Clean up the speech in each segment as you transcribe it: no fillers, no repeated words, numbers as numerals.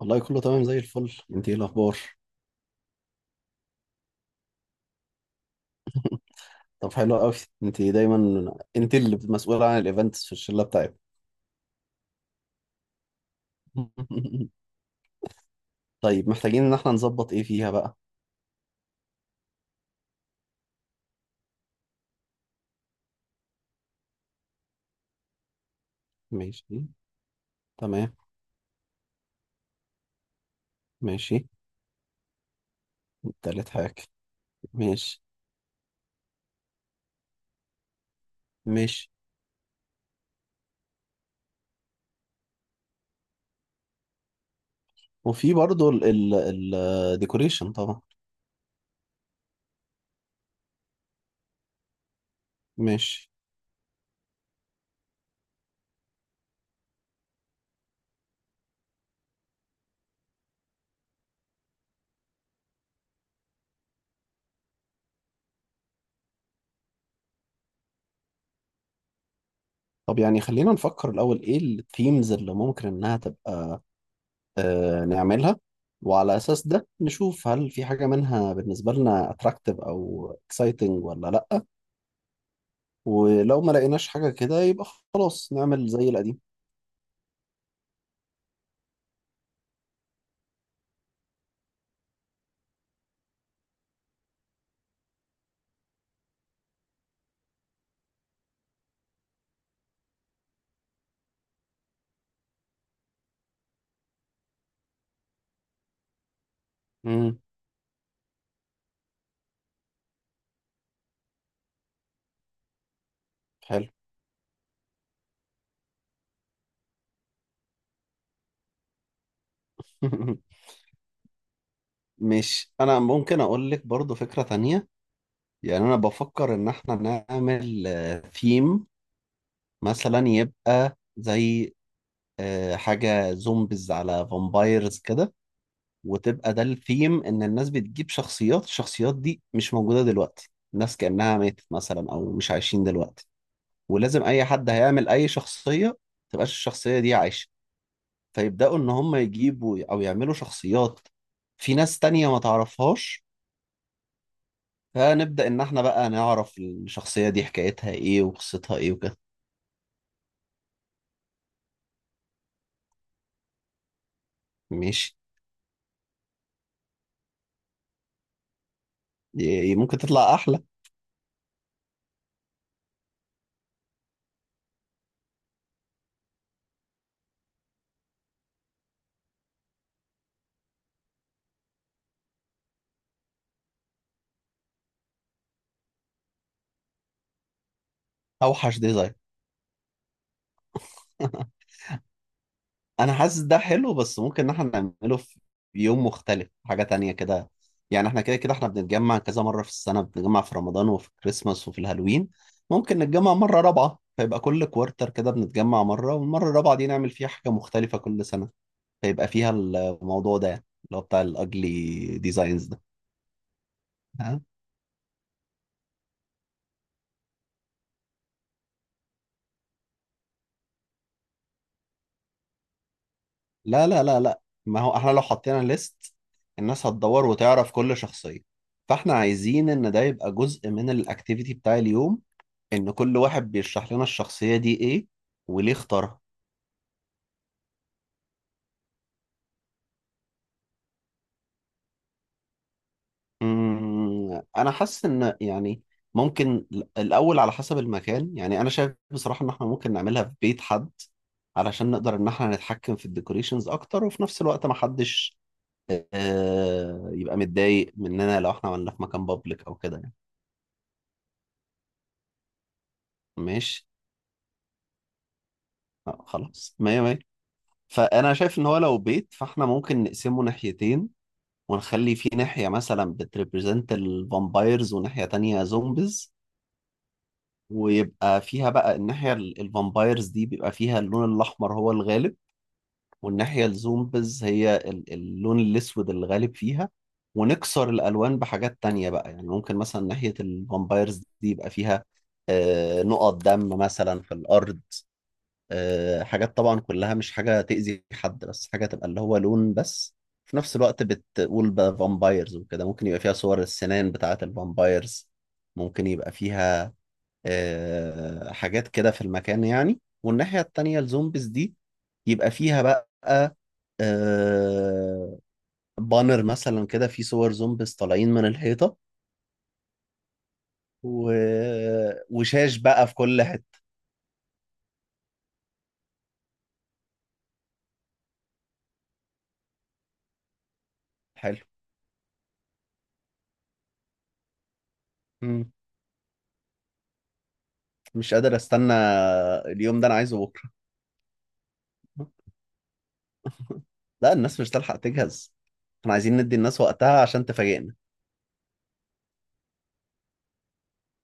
والله كله تمام زي الفل. انت ايه الاخبار؟ طب حلو قوي. انت دايما، انت اللي مسؤولة عن الايفنتس في الشلة بتاعتك. طيب محتاجين ان احنا نظبط ايه فيها بقى. ماشي. تمام. ماشي. تالت حاجة. ماشي. ماشي. وفي برضو الديكوريشن طبعا. ماشي. طب يعني خلينا نفكر الاول ايه الثيمز اللي ممكن انها تبقى نعملها، وعلى اساس ده نشوف هل في حاجة منها بالنسبة لنا اتراكتيف او اكسايتنج ولا لا. ولو ما لقيناش حاجة كده يبقى خلاص نعمل زي القديم. امم. حلو. مش انا ممكن اقول لك برضو فكرة تانية. يعني انا بفكر ان احنا نعمل ثيم مثلا يبقى زي حاجة زومبيز على فامبايرز كده، وتبقى ده الثيم ان الناس بتجيب شخصيات. الشخصيات دي مش موجودة دلوقتي، الناس كأنها ماتت مثلا او مش عايشين دلوقتي. ولازم اي حد هيعمل اي شخصية تبقاش الشخصية دي عايشة، فيبدأوا إن هم يجيبوا أو يعملوا شخصيات في ناس تانية ما تعرفهاش، فنبدأ إن إحنا بقى نعرف الشخصية دي حكايتها إيه وقصتها إيه وكده. ماشي. دي ممكن تطلع أحلى. أوحش ديزاين. أنا حاسس ده حلو بس ممكن إن إحنا نعمله في يوم مختلف، حاجة تانية كده. يعني إحنا كده كده إحنا بنتجمع كذا مرة في السنة، بنتجمع في رمضان وفي كريسماس وفي الهالوين. ممكن نتجمع مرة رابعة فيبقى كل كوارتر كده بنتجمع مرة، والمرة الرابعة دي نعمل فيها حاجة مختلفة كل سنة. هيبقى فيها الموضوع ده اللي هو بتاع الاجلي ديزاينز ده. ها. لا لا لا لا، ما هو احنا لو حطينا ليست الناس هتدور وتعرف كل شخصية، فاحنا عايزين ان ده يبقى جزء من الاكتيفيتي بتاع اليوم، ان كل واحد بيشرح لنا الشخصية دي ايه وليه اختارها. انا حاسس ان يعني ممكن الاول على حسب المكان. يعني انا شايف بصراحة ان احنا ممكن نعملها في بيت حد علشان نقدر ان احنا نتحكم في الديكوريشنز اكتر، وفي نفس الوقت ما حدش يبقى متضايق مننا لو احنا عملناه في مكان بابليك او كده يعني. ماشي. خلاص مية مية. فانا شايف ان هو لو بيت فاحنا ممكن نقسمه ناحيتين، ونخلي فيه ناحية مثلا بتريبريزنت الفامبايرز وناحية تانية زومبيز. ويبقى فيها بقى الناحية الفامبايرز دي بيبقى فيها اللون الأحمر هو الغالب، والناحية الزومبز هي اللون الأسود الغالب فيها. ونكسر الألوان بحاجات تانية بقى، يعني ممكن مثلا ناحية الفامبايرز دي يبقى فيها نقط دم مثلا في الأرض. حاجات طبعا كلها مش حاجة تأذي حد، بس حاجة تبقى اللي هو لون بس، في نفس الوقت بتقول بقى فامبايرز وكده. ممكن يبقى فيها صور السنان بتاعة الفامبايرز، ممكن يبقى فيها حاجات كده في المكان يعني. والناحية التانية الزومبيز دي يبقى فيها بقى آه، بانر مثلا كده فيه صور زومبيز طالعين من الحيطة، و... وشاش بقى في كل حتة. حلو. مم. مش قادر استنى، اليوم ده انا عايزه بكرة. لا الناس مش تلحق تجهز، احنا عايزين ندي الناس وقتها عشان تفاجئنا.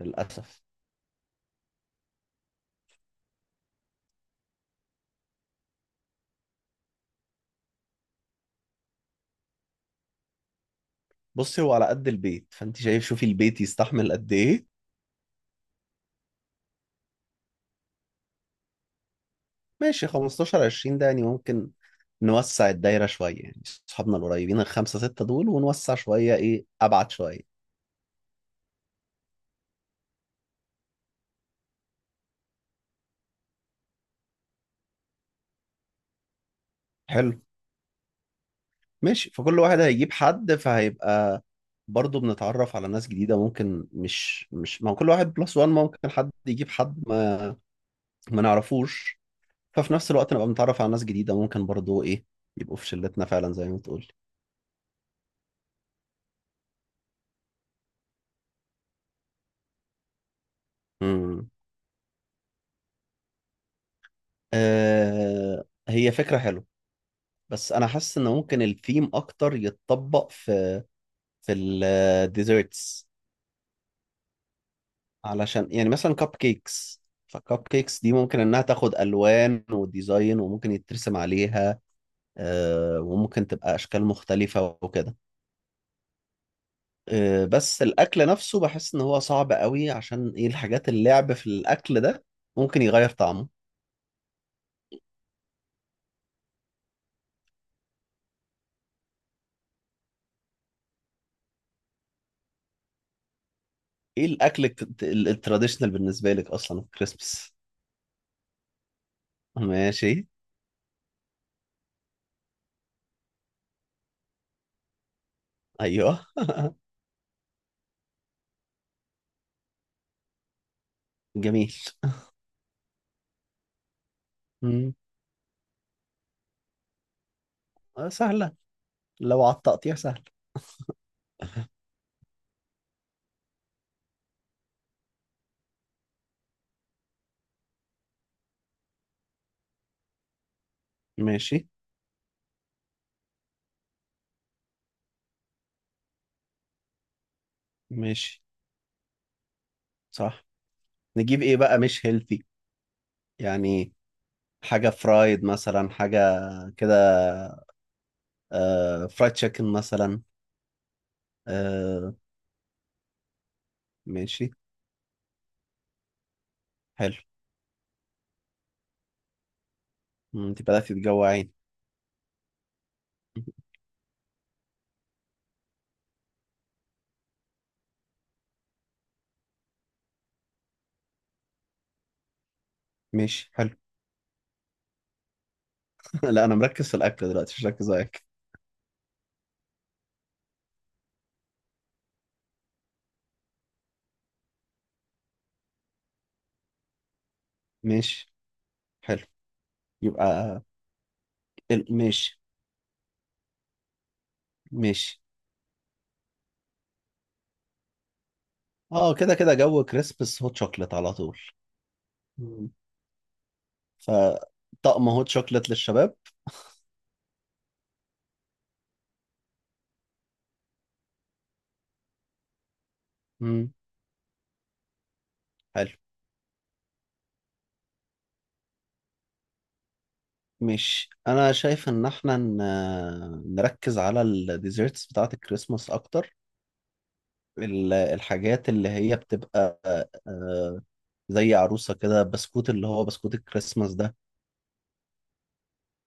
للأسف. بصي، هو على قد البيت، فانت شايف شوفي البيت يستحمل قد ايه. ماشي، 15 20 ده يعني ممكن نوسع الدايرة شوية يعني، أصحابنا القريبين الخمسة ستة دول ونوسع شوية إيه أبعد شوية. حلو. ماشي، فكل واحد هيجيب حد فهيبقى برضه بنتعرف على ناس جديدة. ممكن مش ما هو كل واحد بلس وان ممكن حد يجيب حد ما نعرفوش. ففي نفس الوقت نبقى بنتعرف على ناس جديدة، ممكن برضه إيه يبقوا في شلتنا فعلا زي ما تقول. امم. آه هي فكرة حلوة، بس أنا حاسس إن ممكن الثيم أكتر يتطبق في في الديزرتس. علشان يعني مثلا كب كيكس، فكب كيكس دي ممكن انها تاخد الوان وديزاين وممكن يترسم عليها. وممكن تبقى اشكال مختلفة وكده. بس الاكل نفسه بحس ان هو صعب قوي، عشان ايه الحاجات اللعب في الاكل ده ممكن يغير طعمه. ايه الاكل التراديشنال بالنسبة لك اصلا في كريسمس؟ ماشي. ايوه. جميل. مم. سهلة، لو على التقطيع سهل. ماشي. ماشي. صح. نجيب ايه بقى مش هيلثي يعني، حاجة فرايد مثلا، حاجة كده. آه فرايد تشيكن مثلا. آه. ماشي حلو. مم، انت بدأتي تجوعين. ماشي حلو. لا انا مركز في الاكل دلوقتي، مش مركز على الاكل. ماشي حلو. يبقى ماشي. ماشي. اه كده كده جو كريسبس هوت شوكليت على طول. مم. فطقم هوت شوكليت للشباب. مم. حلو. مش انا شايف ان احنا نركز على الديزرتس بتاعه الكريسماس اكتر. الحاجات اللي هي بتبقى آه، زي عروسة كده بسكوت، اللي هو بسكوت الكريسماس ده.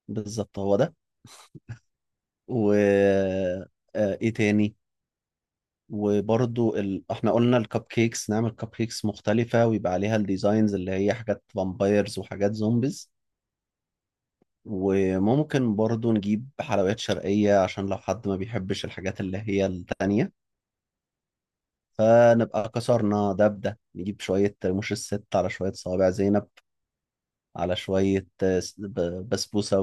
بالظبط هو ده. و ايه تاني؟ وبرضو ال... احنا قلنا الكب كيكس نعمل كب كيكس مختلفة ويبقى عليها الديزاينز اللي هي حاجات فامبايرز وحاجات زومبيز. وممكن برضو نجيب حلويات شرقية عشان لو حد ما بيحبش الحاجات اللي هي التانية، فنبقى كسرنا دبدة. نجيب شوية رموش الست على شوية صوابع زينب على شوية بسبوسة.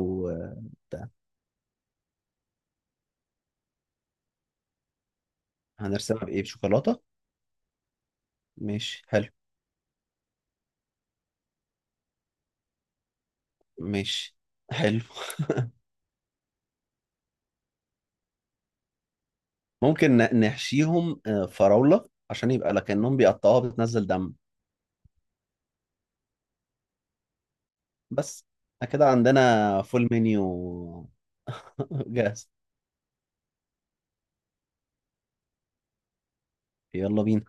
وهنرسمها بإيه، بشوكولاتة؟ ماشي حلو. ماشي حلو. ممكن نحشيهم فراولة عشان يبقى لكأنهم بيقطعوها بتنزل دم. بس كده عندنا فول منيو. جاهز. يلا بينا.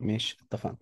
ماشي اتفقنا.